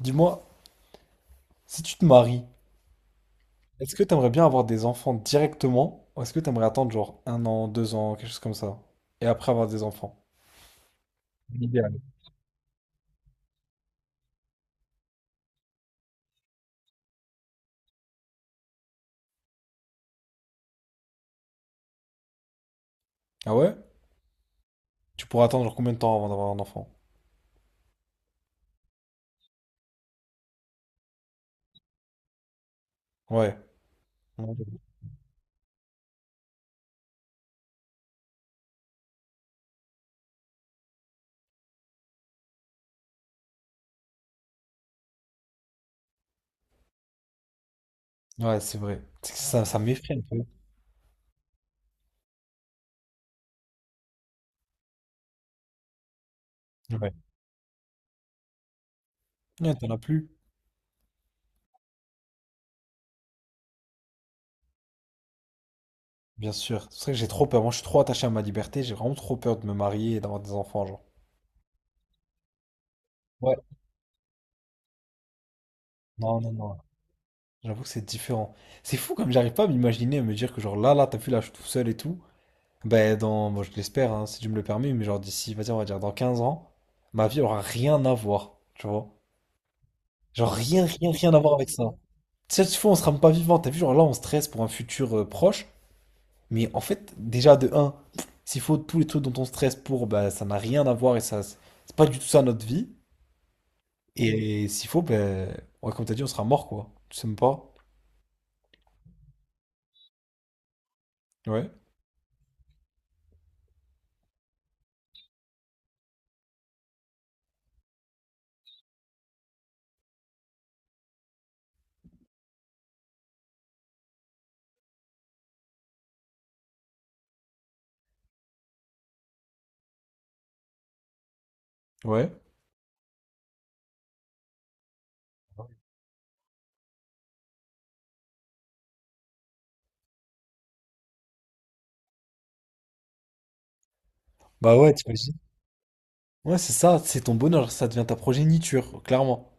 Dis-moi, si tu te maries, est-ce que t'aimerais bien avoir des enfants directement ou est-ce que t'aimerais attendre genre 1 an, 2 ans, quelque chose comme ça, et après avoir des enfants? Ah ouais? Tu pourrais attendre genre combien de temps avant d'avoir un enfant? Ouais. Ouais, ouais, c'est vrai. C'est que ça m'effraie un peu. Ouais. Ouais, t'en as plus. Bien sûr. C'est vrai que j'ai trop peur. Moi, je suis trop attaché à ma liberté. J'ai vraiment trop peur de me marier et d'avoir des enfants, genre. Ouais. Non, non, non. J'avoue que c'est différent. C'est fou comme j'arrive pas à m'imaginer, à me dire que genre là, là, t'as vu, là, je suis tout seul et tout. Ben dans, moi je l'espère, hein, si tu me le permets, mais genre d'ici, vas-y, on va dire dans 15 ans, ma vie aura rien à voir, tu vois. Genre rien, rien, rien à voir avec ça. Si tu fais, on sera même pas vivant, t'as vu, genre là, on stresse pour un futur proche, mais en fait, déjà de un s'il faut tous les trucs dont on stresse pour, ben ça n'a rien à voir et ça, c'est pas du tout ça notre vie. Et s'il faut, ben, ouais, comme t'as dit, on sera mort, quoi. Tu sais même pas? Ouais, ouais. Bah ouais, t'imagines. Ouais, c'est ça, c'est ton bonheur, ça devient ta progéniture, clairement.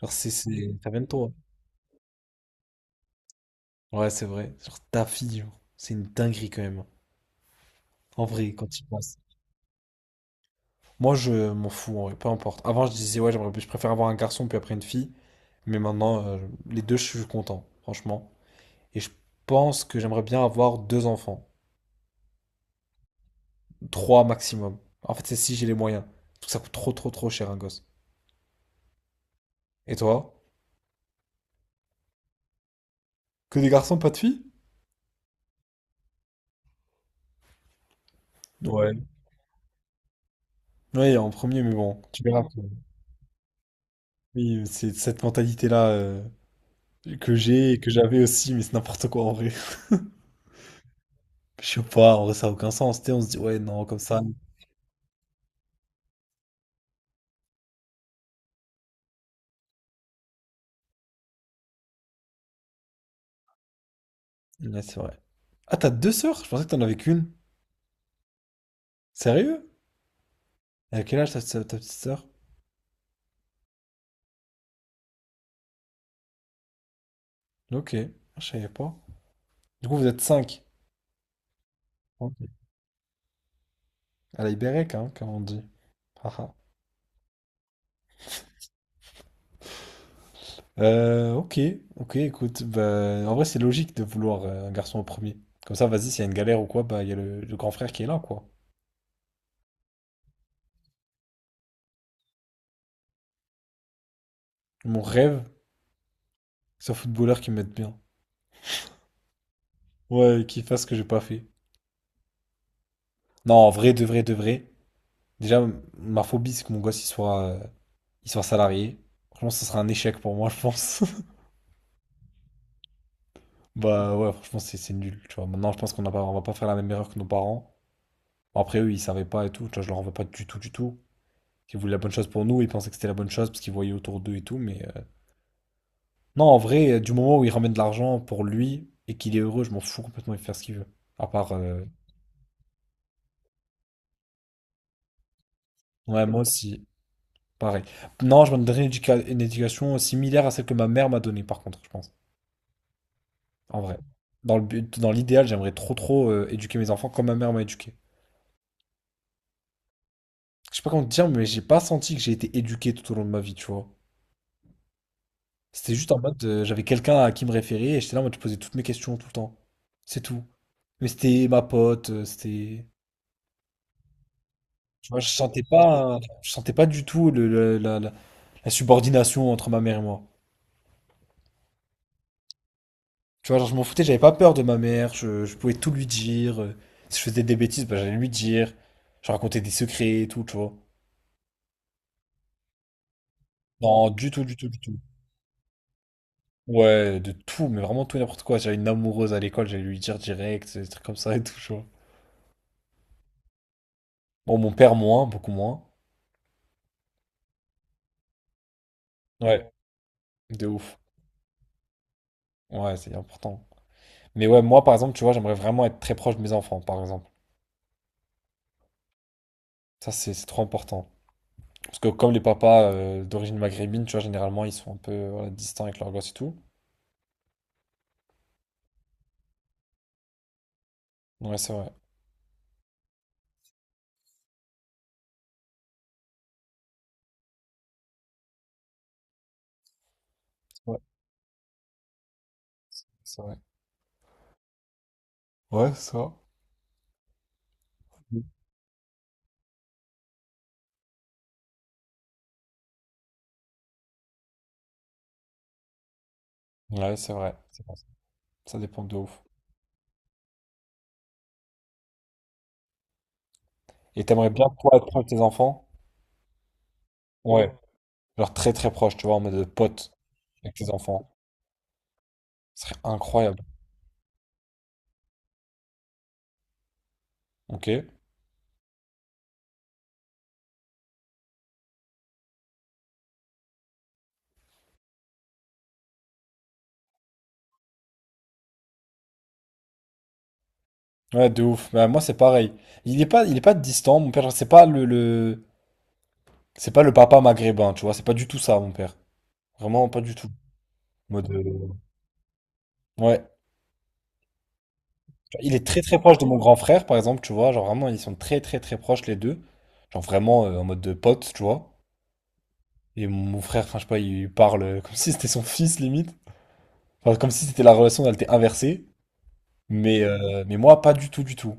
Genre, c'est, ça vient de toi. Ouais, c'est vrai. Genre ta fille, genre, c'est une dinguerie quand même, hein. En vrai, quand tu y penses. Moi, je m'en fous, en vrai, peu importe. Avant, je disais, ouais, je préfère avoir un garçon puis après une fille. Mais maintenant, les deux, je suis content, franchement. Et je pense que j'aimerais bien avoir deux enfants. Trois maximum. En fait, c'est si j'ai les moyens. Parce que ça coûte trop, trop, trop cher un gosse. Et toi? Que des garçons, pas de filles? Ouais. Ouais, en premier, mais bon. Oui, c'est cette mentalité-là, que j'ai et que j'avais aussi, mais c'est n'importe quoi en vrai. Je sais pas, en vrai, ça a aucun sens. Tu sais, on se dit, ouais, non, comme ça. Ouais, c'est vrai. Ah, t'as deux sœurs? Je pensais que t'en avais qu'une. Sérieux? Et à quel âge ta petite sœur? Ok, ah, je savais pas. Du coup, vous êtes cinq. Ok. À la Ibérec, hein, comme on dit. Haha. Ok, ok, écoute. Bah, en vrai, c'est logique de vouloir un garçon au premier. Comme ça, vas-y, s'il y a une galère ou quoi, bah, il y a le grand frère qui est là, quoi. Mon rêve, c'est un footballeur qui me mette bien. Ouais, qui fasse ce que j'ai pas fait. Non, en vrai, de vrai, de vrai. Déjà, ma phobie, c'est que mon gosse, il soit. Ils soient salariés. Franchement, ce sera un échec pour moi, je pense. Bah ouais, franchement, c'est nul, tu vois. Maintenant, je pense qu'on n'a pas, on va pas faire la même erreur que nos parents. Bon, après, eux, ils savaient pas et tout. Tu vois, je leur en veux pas du tout, du tout. Ils voulaient la bonne chose pour nous, ils pensaient que c'était la bonne chose parce qu'ils voyaient autour d'eux et tout. Mais non, en vrai, du moment où il ramène de l'argent pour lui et qu'il est heureux, je m'en fous complètement, il fait faire ce qu'il veut. À part. Ouais, moi aussi, pareil. Non, je me donnerais une, une éducation similaire à celle que ma mère m'a donnée, par contre, je pense. En vrai. Dans le but, dans l'idéal, j'aimerais trop, trop éduquer mes enfants comme ma mère m'a éduqué. Je sais pas comment te dire, mais j'ai pas senti que j'ai été éduqué tout au long de ma vie, tu vois. C'était juste en mode, j'avais quelqu'un à qui me référer et j'étais là en mode, je posais toutes mes questions tout le temps. C'est tout. Mais c'était ma pote, c'était. Tu vois, je sentais pas du tout la subordination entre ma mère et moi. Tu vois, genre, je m'en foutais, j'avais pas peur de ma mère, je pouvais tout lui dire. Si je faisais des bêtises, bah, j'allais lui dire. Je racontais des secrets et tout, tu vois. Non, du tout, du tout, du tout. Ouais, de tout, mais vraiment tout et n'importe quoi. J'avais une amoureuse à l'école, j'allais lui dire direct, des trucs comme ça et tout, tu vois. Bon, mon père moins, beaucoup moins. Ouais, de ouf. Ouais, c'est important. Mais ouais, moi par exemple, tu vois, j'aimerais vraiment être très proche de mes enfants, par exemple. Ça, c'est trop important. Parce que comme les papas d'origine maghrébine, tu vois, généralement, ils sont un peu voilà, distants avec leurs gosses et tout. Ouais, c'est vrai. Ouais, c'est vrai. Ouais, ça. Ouais, c'est vrai. C'est vrai. Ça dépend de ouf. Et t'aimerais bien, toi, être proche de tes enfants? Ouais. Genre très très proche, tu vois, en mode de pote avec tes enfants. Ce serait incroyable. Ok. Ouais, de ouf. Bah, moi, c'est pareil. Il est pas distant, mon père. Genre, C'est pas le papa maghrébin, tu vois. C'est pas du tout ça, mon père. Vraiment pas du tout. En mode, ouais. Genre, il est très très proche de mon grand frère, par exemple, tu vois. Genre vraiment, ils sont très très très proches les deux. Genre vraiment en mode de pote, tu vois. Et mon frère, enfin, je sais pas, il parle comme si c'était son fils limite. Enfin, comme si c'était la relation, elle était inversée. Mais moi, pas du tout, du tout.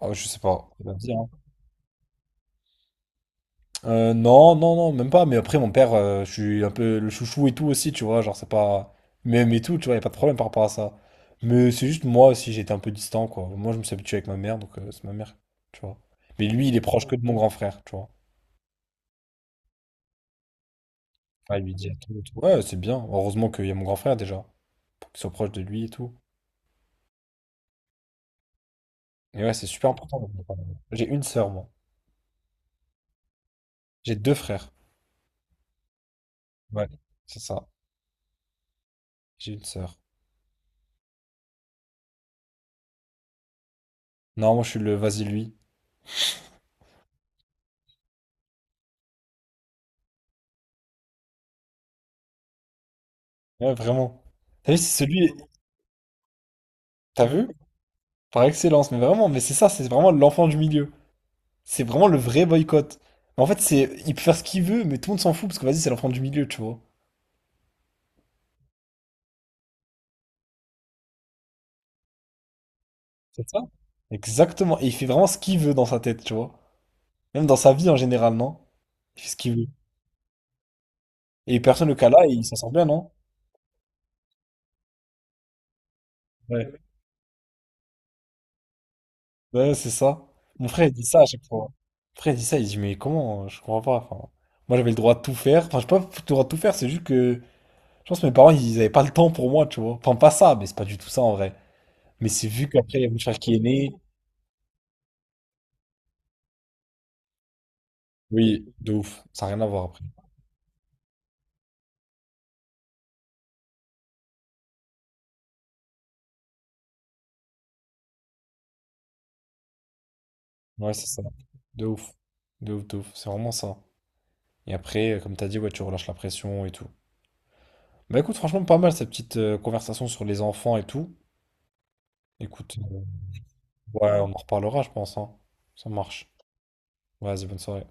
Oh, je sais pas. C'est comme ça, hein. Non, non, non, même pas. Mais après, mon père, je suis un peu le chouchou et tout aussi, tu vois. Genre, c'est pas. Même et tout, tu vois, y a pas de problème par rapport à ça. Mais c'est juste moi aussi, j'étais un peu distant, quoi. Moi, je me suis habitué avec ma mère, donc c'est ma mère, tu vois. Mais lui, il est proche que de mon grand frère, tu vois. Ah, il lui dire tout et tout. Ouais, c'est bien. Heureusement qu'il y a mon grand frère déjà, pour qu'il soit proche de lui et tout. Et ouais, c'est super important. J'ai une sœur, moi. J'ai deux frères. Ouais, c'est ça. J'ai une sœur. Non, moi, je suis le vas-y, lui. Ouais, vraiment. T'as vu, c'est celui. T'as vu? Par excellence, mais vraiment, mais c'est ça, c'est vraiment l'enfant du milieu. C'est vraiment le vrai boycott. Mais en fait, c'est, il peut faire ce qu'il veut, mais tout le monde s'en fout parce que vas-y, c'est l'enfant du milieu, tu vois. C'est ça? Exactement. Et il fait vraiment ce qu'il veut dans sa tête, tu vois. Même dans sa vie en général, non? Il fait ce qu'il veut. Et personne le cas là, et il s'en sort bien, non? Ouais. Ouais, c'est ça. Mon frère, il dit ça à chaque fois. Mon frère, il dit ça, il dit, mais comment? Je comprends pas. Enfin, moi, j'avais le droit de tout faire. Enfin, je sais pas le droit de tout faire, c'est juste que, je pense que mes parents, ils avaient pas le temps pour moi, tu vois. Enfin, pas ça, mais c'est pas du tout ça en vrai. Mais c'est vu qu'après, il y a Bouchard qui est né. Oui, de ouf. Ça n'a rien à voir après. Ouais, c'est ça. De ouf. De ouf, de ouf. C'est vraiment ça. Et après, comme t'as dit, ouais, tu relâches la pression et tout. Bah écoute, franchement, pas mal cette petite conversation sur les enfants et tout. Écoute, ouais, on en reparlera, je pense, hein. Ça marche. Vas-y, bonne soirée.